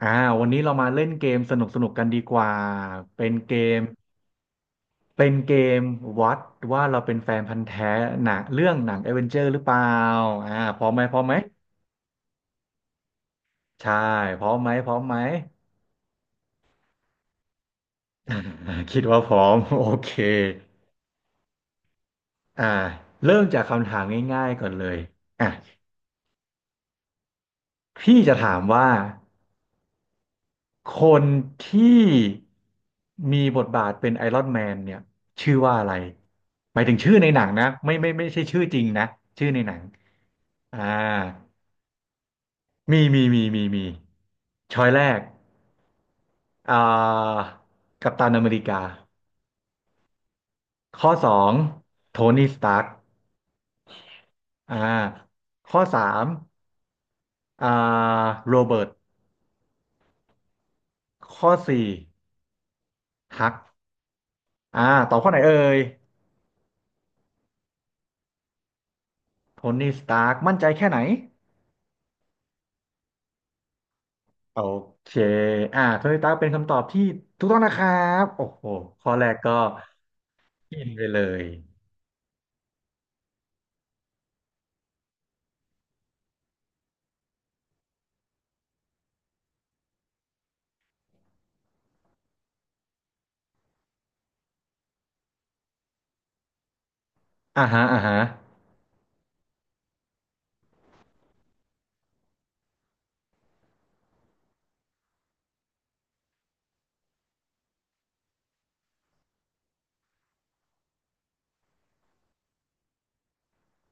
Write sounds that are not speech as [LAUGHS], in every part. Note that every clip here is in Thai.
อ่าวันนี้เรามาเล่นเกมสนุกสนุกกันดีกว่า เป็นเกมเป็นเกมวัดว่าเราเป็นแฟนพันธุ์แท้หนังเรื่องหนัง a อเวนเจอร์หรือเปล่าพร้อมไหมพร้อมไหม ใช่พร้อมไหมพร้อมไหม [LAUGHS] คิดว่าพร้อม [LAUGHS] โอเคอ่าเริ่มจากคำถามง่ายๆก่อนเลยอ่ะพี่จะถามว่าคนที่มีบทบาทเป็นไอรอนแมนเนี่ยชื่อว่าอะไรหมายถึงชื่อในหนังนะไม่ไม่ใช่ชื่อจริงนะชื่อในหนัง อ่ามีช้อยแรกอ่ากัปตันอเมริกาข้อสองโทนี่สตาร์กอ่าข้อสามอ่าโรเบิร์ตข้อสี่ฮักอ่าตอบข้อไหนเอ่ยโทนี่สตาร์กมั่นใจแค่ไหนโอเคโทนี่สตาร์กเป็นคำตอบที่ถูกต้องนะครับโอ้โหข้อแรกก็กินไปเลยอ่าฮะอ่าฮะ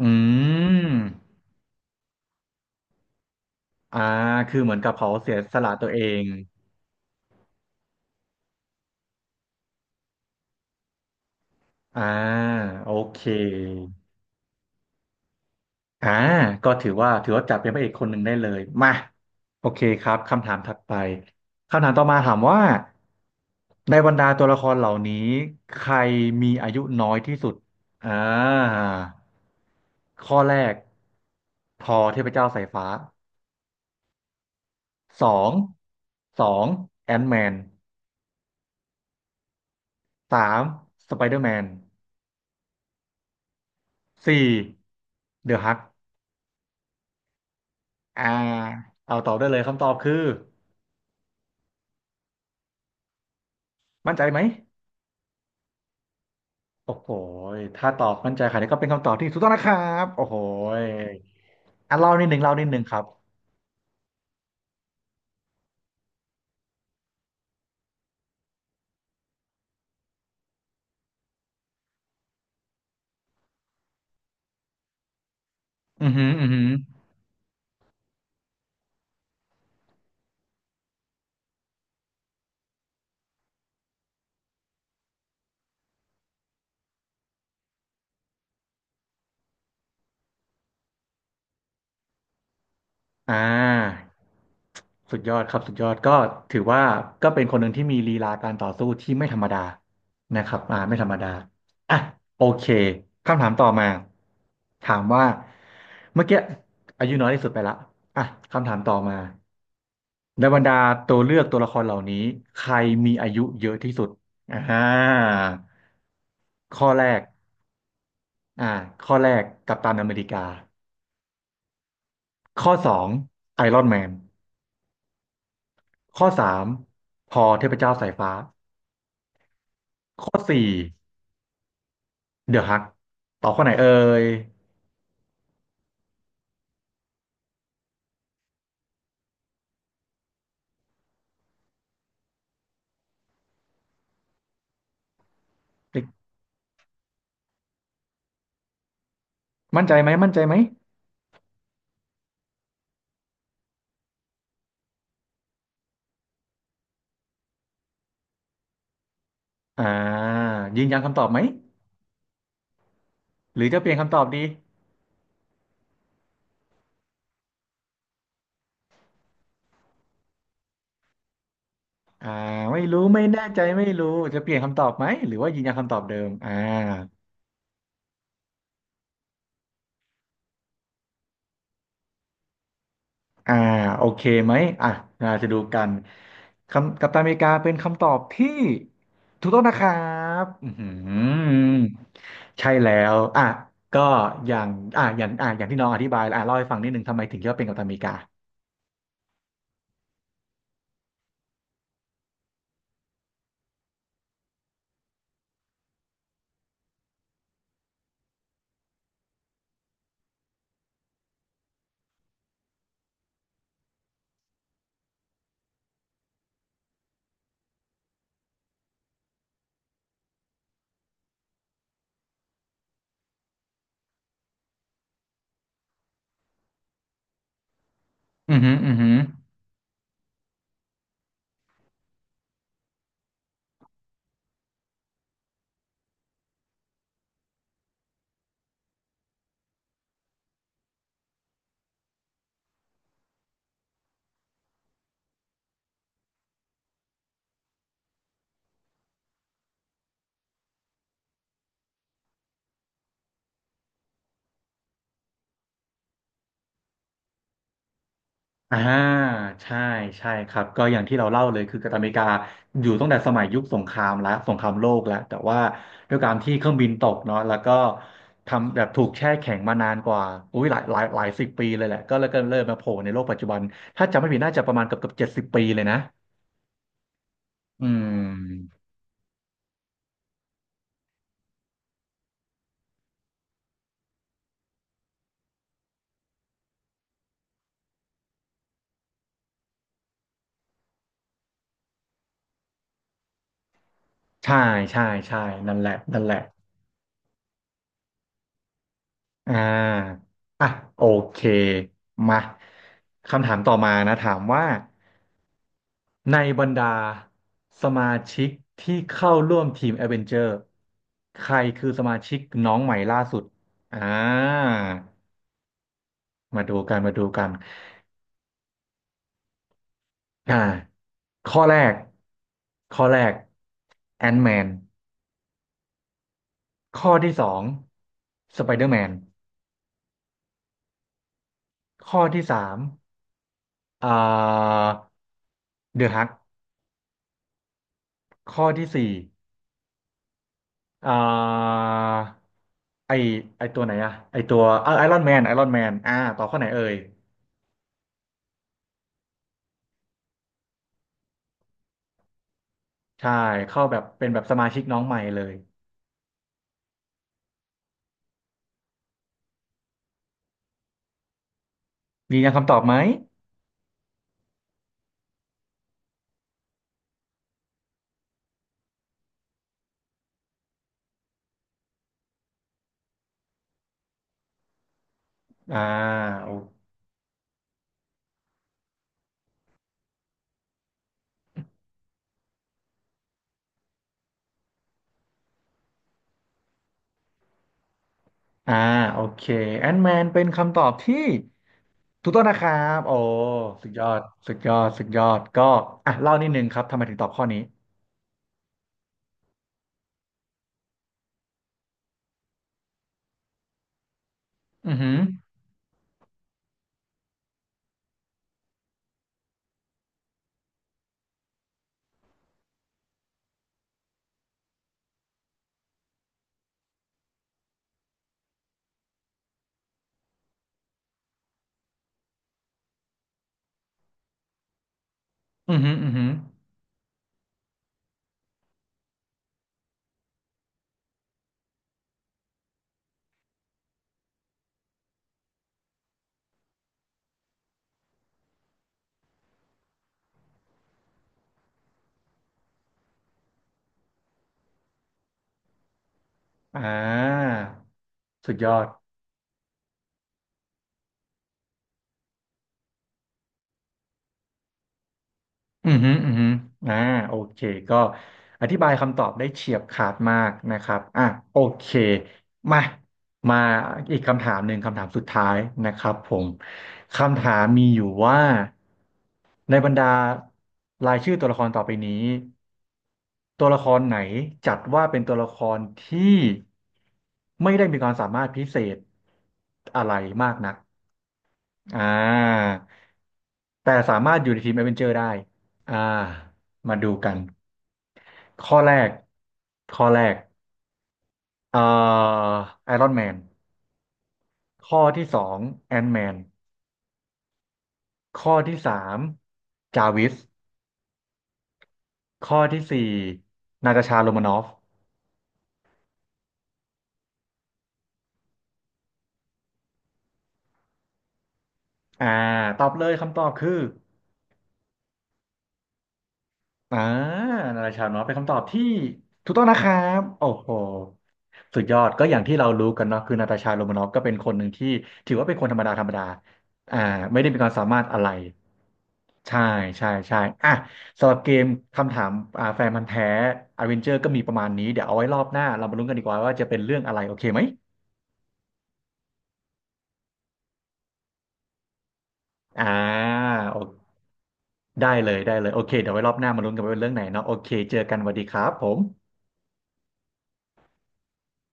อืม อ่า คือเหมือนกับเขาเสียสละตัวเอง อ่า โอเค อ่า ก็ถือว่า ถือว่าจับเป็นพระเอกคนหนึ่งได้เลย มา โอเคครับ คำถามถัดไป คำถามต่อมาถามว่า ในบรรดาตัวละครเหล่านี้ ใครมีอายุน้อยที่สุด อ่า ข้อแรกทอเทพเจ้าสายฟ้าสองสองแอนท์แมนสามสไปเดอร์แมนสี่เดอะฮัก อ่าเอาตอบได้เลยคำตอบคือมั่นใจไหมโอ้โหยถ้าตอบมั่นใจค่ะนี่ก็เป็นคำตอบที่ถูกต้องนะครับโอ้โหยเล่านิดหนึ่งเล่านิดหนึ่งครับอือหืออือหือ อ่าสุดยอดครับสุดยอดก็ถือว่าก็เป็นคนหนึ่งที่มีลีลาการต่อสู้ที่ไม่ธรรมดานะครับไม่ธรรมดาอ่ะโอเคคำถามต่อมาถามว่าเมื่อกี้อายุน้อยที่สุดไปละอ่ะคำถามต่อมาในบรรดาตัวเลือกตัวละครเหล่านี้ใครมีอายุเยอะที่สุดอ่าข้อแรกอ่าข้อแรกกัปตันอเมริกาข้อสองไอรอนแมน ข้อสามพอเทพเจ้าสายฟ้าข้อสี่เดอะฮักตอบข้อไหนเอ่ยมั่นใจไหมมั่นใจไหมอ่ายืนยันคำตอบไหมหรือจะเปลี่ยนคำตอบดีอ่าไม่รู้ไม่แน่ใจไม่รู้จะเปลี่ยนคำตอบไหมหรือว่ายืนยันคำตอบเดิมอ่า อ่าโอเคไหมอ่ะเราจะดูกันคำกัปตันอเมริกาเป็นคำตอบที่ถูกต้องนะครับอือหือใช่แล้วก็อย่างอย่างอย่างที่น้องอธิบายเล่าให้ฟังนิดนึงทำไมถึงคิดว่าเป็นกัปตันอเมริกาอือหืออือหือ อ่าใช่ใช่ครับก็อย่างที่เราเล่าเลยคือกัปตันอเมริกาอยู่ตั้งแต่สมัยยุคสงครามแล้วสงครามโลกแล้วแต่ว่าด้วยการที่เครื่องบินตกเนาะแล้วก็ทำแบบถูกแช่แข็งมานานกว่าอุ้ยหลายหลายหลายสิบปีเลยแหละก็เลยมาโผล่ในโลกปัจจุบันถ้าจำไม่ผิดน่าจะประมาณเกือบเกือบ70 ปีเลยนะอืมใช่ใช่นั่นแหละนั่นแหละอ่าอ่ะโอเคมาคำถามต่อมานะถามว่า ในบรรดาสมาชิกที่เข้าร่วมทีม a อเวนเจอร์ใครคือสมาชิกน้องใหม่ล่าสุดอ่ามาดูกันมาดูกันอ่าข้อแรกข้อแรกแอนแมนข้อที่สองสไปเดอร์แมนข้อที่สามอ่าเดอะฮักข้อที่สี่อ่าไอไอตัวไอรอนแมนต่อข้อไหนเอ่ย ใช่เข้าแบบเป็นแบบสมาชิกน้องใหม่เลยยืนยันคำตอบไหมอ่าโออ่าโอเคแอนแมนเป็นคำตอบที่ถูกต้องนะครับโอ้สุดยอดสุดยอดสุดยอดก็เล่านิดนึงครับทำไมถึงตอบข้อนี้อือหืออือหืออือหืออ่าสุดยอด อือฮึอือฮึอ่าโอเคก็อธิบายคำตอบได้เฉียบขาดมากนะครับโอเคมามาอีกคำถามหนึ่งคำถามสุดท้ายนะครับผมคำถามมีอยู่ว่าในบรรดารายชื่อตัวละครต่อไปนี้ตัวละครไหนจัดว่าเป็นตัวละครที่ไม่ได้มีความสามารถพิเศษอะไรมากนัก อ่าแต่สามารถอยู่ในทีม a อเวนเจอร์ได้อ่ามาดูกันข้อแรกข้อแรกเอ่อไอรอนแมนข้อที่สองแอนแมนข้อที่สามจาวิสข้อที่สี่นาตาชาโรมานอฟอ่าตอบเลยคำตอบคือ อ่านาราชาวน้อยเป็นคำตอบที่ถูกต้องนะครับโอ้โหสุดยอดก็อย่างที่เรารู้กันเนาะคือนาตาชาโรมานอฟก็เป็นคนหนึ่งที่ถือว่าเป็นคนธรรมดาธรรมดาอ่าไม่ได้มีความสามารถอะไรใช่ใช่อ่ะสำหรับเกมคำถามแฟนพันธุ์แท้อเวนเจอร์ก็มีประมาณนี้เดี๋ยวเอาไว้รอบหน้าเรามาลุ้นกันดีกว่าว่าจะเป็นเรื่องอะไรโอเคไหมอ่าโอได้เลยได้เลยโอเคเดี๋ยวไว้รอบหน้ามาลุ้นกันว่าเป็นเรื่องไหนเนาะโอเคเจอกันสวัสดีครับผม